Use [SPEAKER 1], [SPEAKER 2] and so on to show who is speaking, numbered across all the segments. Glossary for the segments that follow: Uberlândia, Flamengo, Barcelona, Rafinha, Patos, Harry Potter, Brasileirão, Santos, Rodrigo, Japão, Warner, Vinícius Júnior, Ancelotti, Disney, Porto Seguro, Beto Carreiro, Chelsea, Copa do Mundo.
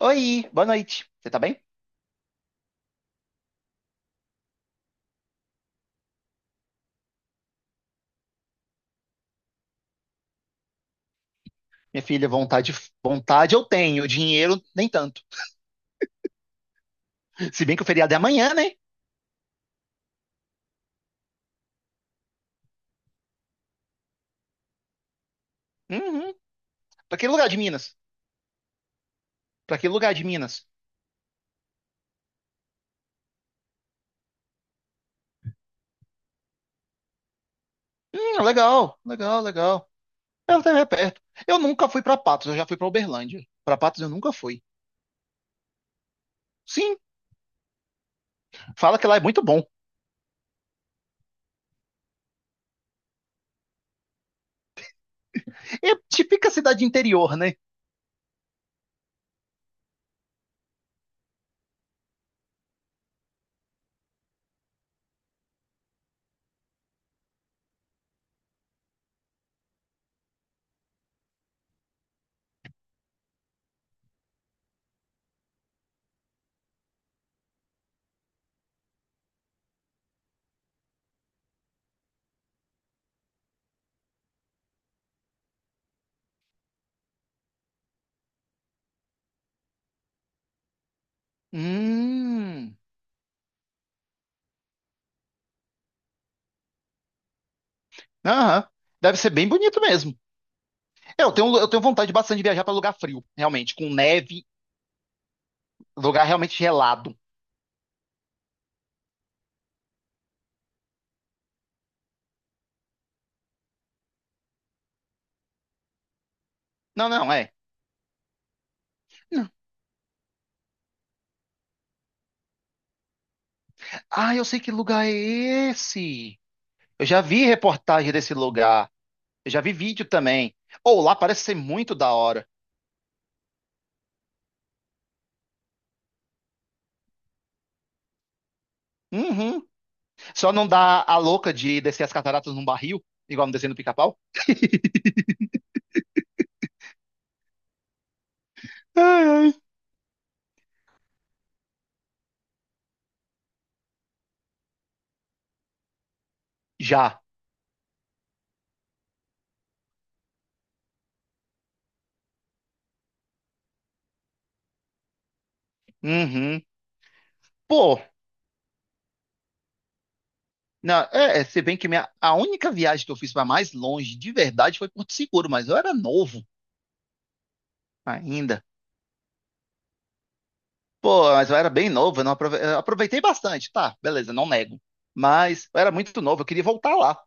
[SPEAKER 1] Oi, boa noite. Você tá bem? Minha filha, vontade eu tenho, dinheiro nem tanto. Se bem que o feriado é amanhã, né? Uhum. Pra que lugar de Minas? Pra que lugar de Minas? Legal, legal, legal. Ela tá perto. Eu nunca fui pra Patos, eu já fui pra Uberlândia. Pra Patos eu nunca fui. Sim, fala que lá é muito bom. É típica cidade interior, né? Hum, aham. Deve ser bem bonito mesmo. Eu tenho vontade bastante de viajar pra lugar frio, realmente, com neve, lugar realmente gelado. Não, não, é. Ah, eu sei que lugar é esse. Eu já vi reportagem desse lugar. Eu já vi vídeo também. Ou lá parece ser muito da hora. Uhum. Só não dá a louca de descer as cataratas num barril, igual no desenho do Pica-Pau? Ai, ai. Já. Uhum. Pô, não, é, é, se bem que minha, a única viagem que eu fiz para mais longe, de verdade, foi Porto Seguro, mas eu era novo ainda. Pô, mas eu era bem novo, eu aproveitei bastante, tá, beleza, não nego. Mas eu era muito novo, eu queria voltar lá.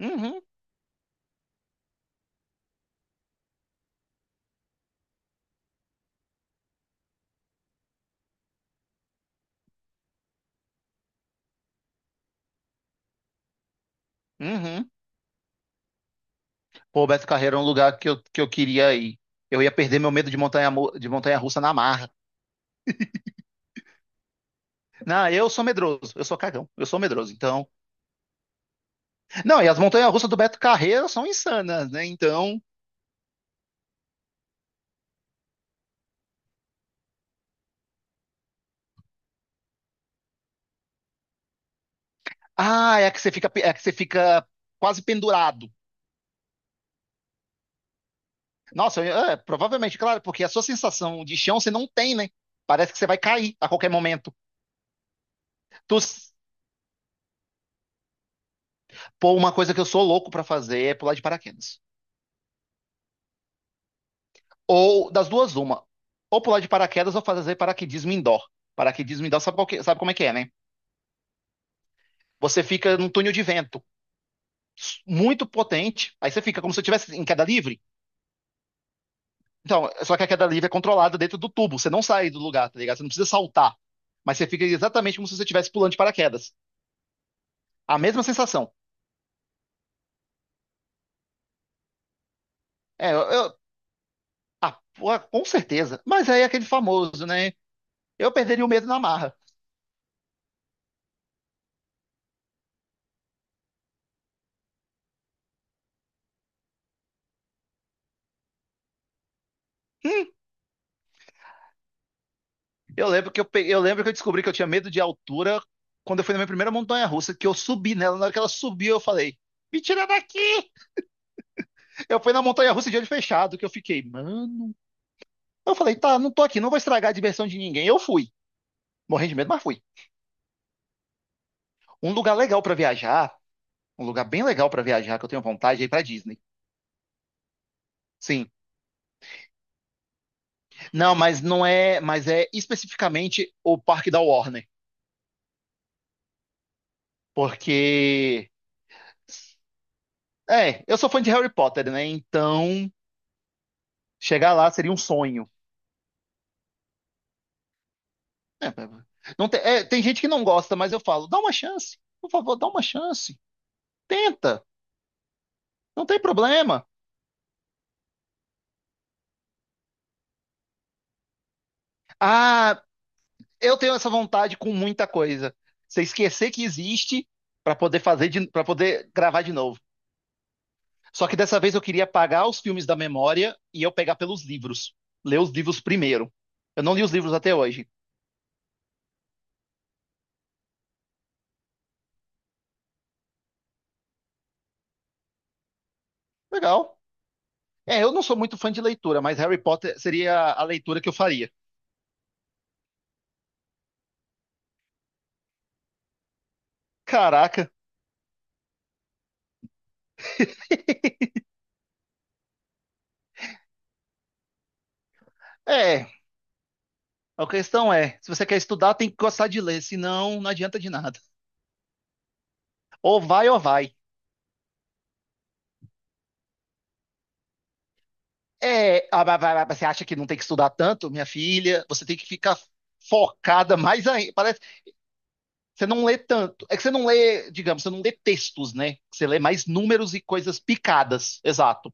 [SPEAKER 1] Uhum, uhum. Pô, Beto Carreiro é um lugar que eu queria ir. Eu ia perder meu medo de montanha, de montanha russa na marra. Não, eu sou medroso, eu sou cagão, eu sou medroso. Então, não, e as montanhas russas do Beto Carreiro são insanas, né? Então, ah, é que você fica, pe- é que você fica quase pendurado. É, provavelmente, claro, porque a sua sensação de chão você não tem, né? Parece que você vai cair a qualquer momento. Tu, s- pô, uma coisa que eu sou louco pra fazer é pular de paraquedas. Ou das duas, uma. Ou pular de paraquedas ou fazer paraquedismo indoor. Paraquedismo indoor, sabe, sabe como é que é, né? Você fica num túnel de vento muito potente, aí você fica como se você estivesse em queda livre. Então, só que a queda livre é controlada dentro do tubo, você não sai do lugar, tá ligado? Você não precisa saltar, mas você fica exatamente como se você estivesse pulando de paraquedas. A mesma sensação. É, ah, pô, com certeza. Mas aí é aquele famoso, né? Eu perderia o medo na marra. Eu lembro que eu, eu lembro que eu descobri que eu tinha medo de altura quando eu fui na minha primeira montanha-russa, que eu subi nela. Na hora que ela subiu, eu falei, me tira daqui! Eu fui na montanha-russa de olho fechado, que eu fiquei, mano. Eu falei, tá, não tô aqui, não vou estragar a diversão de ninguém. Eu fui. Morri de medo, mas fui. Um lugar legal pra viajar, um lugar bem legal pra viajar, que eu tenho vontade, é ir pra Disney. Sim. Não, mas não é, mas é especificamente o parque da Warner. Porque. É, eu sou fã de Harry Potter, né? Então, chegar lá seria um sonho. Não tem, é, tem gente que não gosta, mas eu falo, dá uma chance, por favor, dá uma chance. Tenta, não tem problema. Ah, eu tenho essa vontade com muita coisa. Você esquecer que existe para poder fazer para poder gravar de novo. Só que dessa vez eu queria apagar os filmes da memória e eu pegar pelos livros. Ler os livros primeiro. Eu não li os livros até hoje. Legal. É, eu não sou muito fã de leitura, mas Harry Potter seria a leitura que eu faria. Caraca. É, a questão é, se você quer estudar, tem que gostar de ler, senão não adianta de nada. Ou vai ou vai. É, ah, vai, você acha que não tem que estudar tanto, minha filha? Você tem que ficar focada mais ainda. Parece, que você não lê tanto. É que você não lê, digamos, você não lê textos, né? Você lê mais números e coisas picadas. Exato.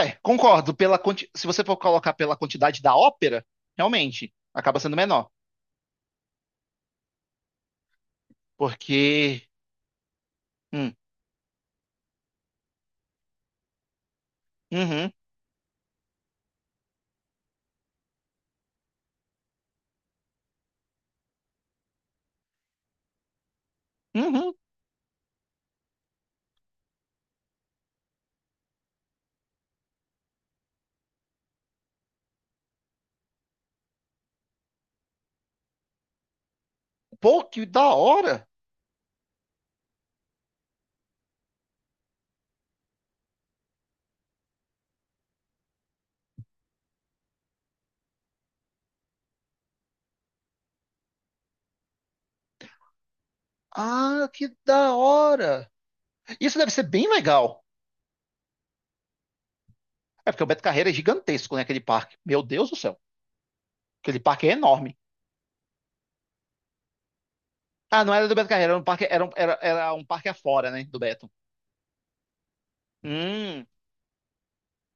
[SPEAKER 1] É, concordo. Se você for colocar pela quantidade da ópera, realmente acaba sendo menor. Porque. Hum, uhum, uhum. Pô, que da hora! Ah, que da hora! Isso deve ser bem legal. É porque o Beto Carreira é gigantesco, né? Aquele parque. Meu Deus do céu. Aquele parque é enorme. Ah, não era do Beto Carreira, era um parque, era um parque afora, né? Do Beto. Hum,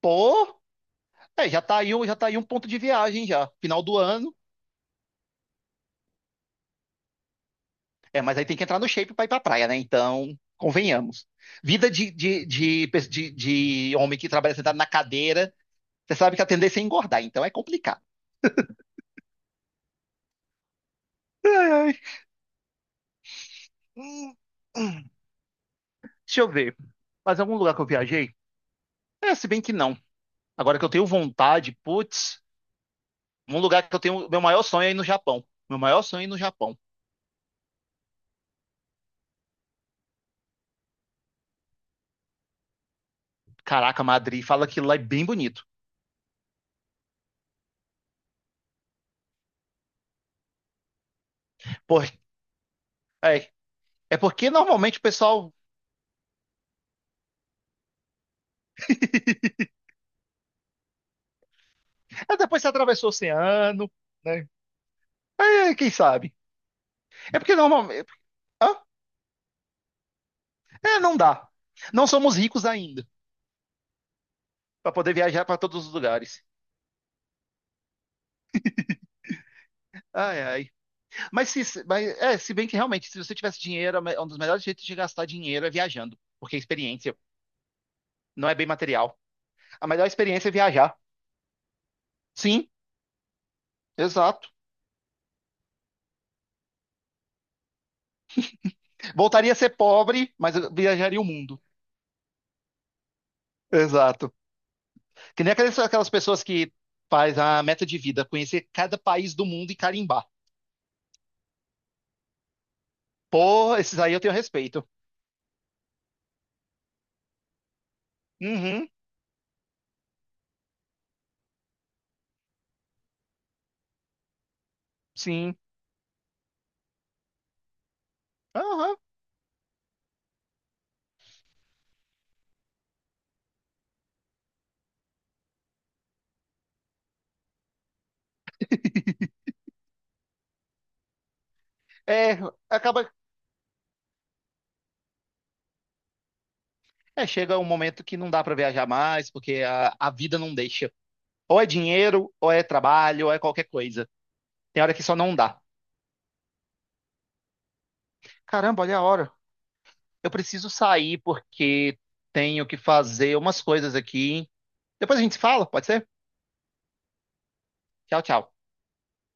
[SPEAKER 1] pô. É, já tá aí, já tá aí um ponto de viagem já. Final do ano. É, mas aí tem que entrar no shape pra ir pra praia, né? Então, convenhamos. Vida de, de homem que trabalha sentado na cadeira, você sabe que a tendência é engordar, então é complicado. Ai, ai. Hum, deixa eu ver. Mas algum lugar que eu viajei? É, se bem que não. Agora que eu tenho vontade, putz, um lugar que eu tenho. Meu maior sonho é ir no Japão. Meu maior sonho é ir no Japão. Caraca, Madrid, fala que lá é bem bonito. Por, é, é porque normalmente o pessoal. É, depois você atravessou o oceano, né? É, quem sabe? É porque normalmente. Hã? É, não dá. Não somos ricos ainda para poder viajar para todos os lugares. Ai, ai. Mas, se, mas é, se bem que realmente, se você tivesse dinheiro, é um dos melhores jeitos de gastar dinheiro é viajando. Porque a experiência não é bem material. A melhor experiência é viajar. Sim, exato. Voltaria a ser pobre, mas viajaria o mundo. Exato. Que nem aquelas pessoas que faz a meta de vida, conhecer cada país do mundo e carimbar. Pô, esses aí eu tenho respeito. Uhum, sim. Aham. É, acaba. É, chega um momento que não dá pra viajar mais, porque a vida não deixa. Ou é dinheiro, ou é trabalho, ou é qualquer coisa. Tem hora que só não dá. Caramba, olha a hora. Eu preciso sair porque tenho que fazer umas coisas aqui. Depois a gente se fala, pode ser? Tchau, tchau.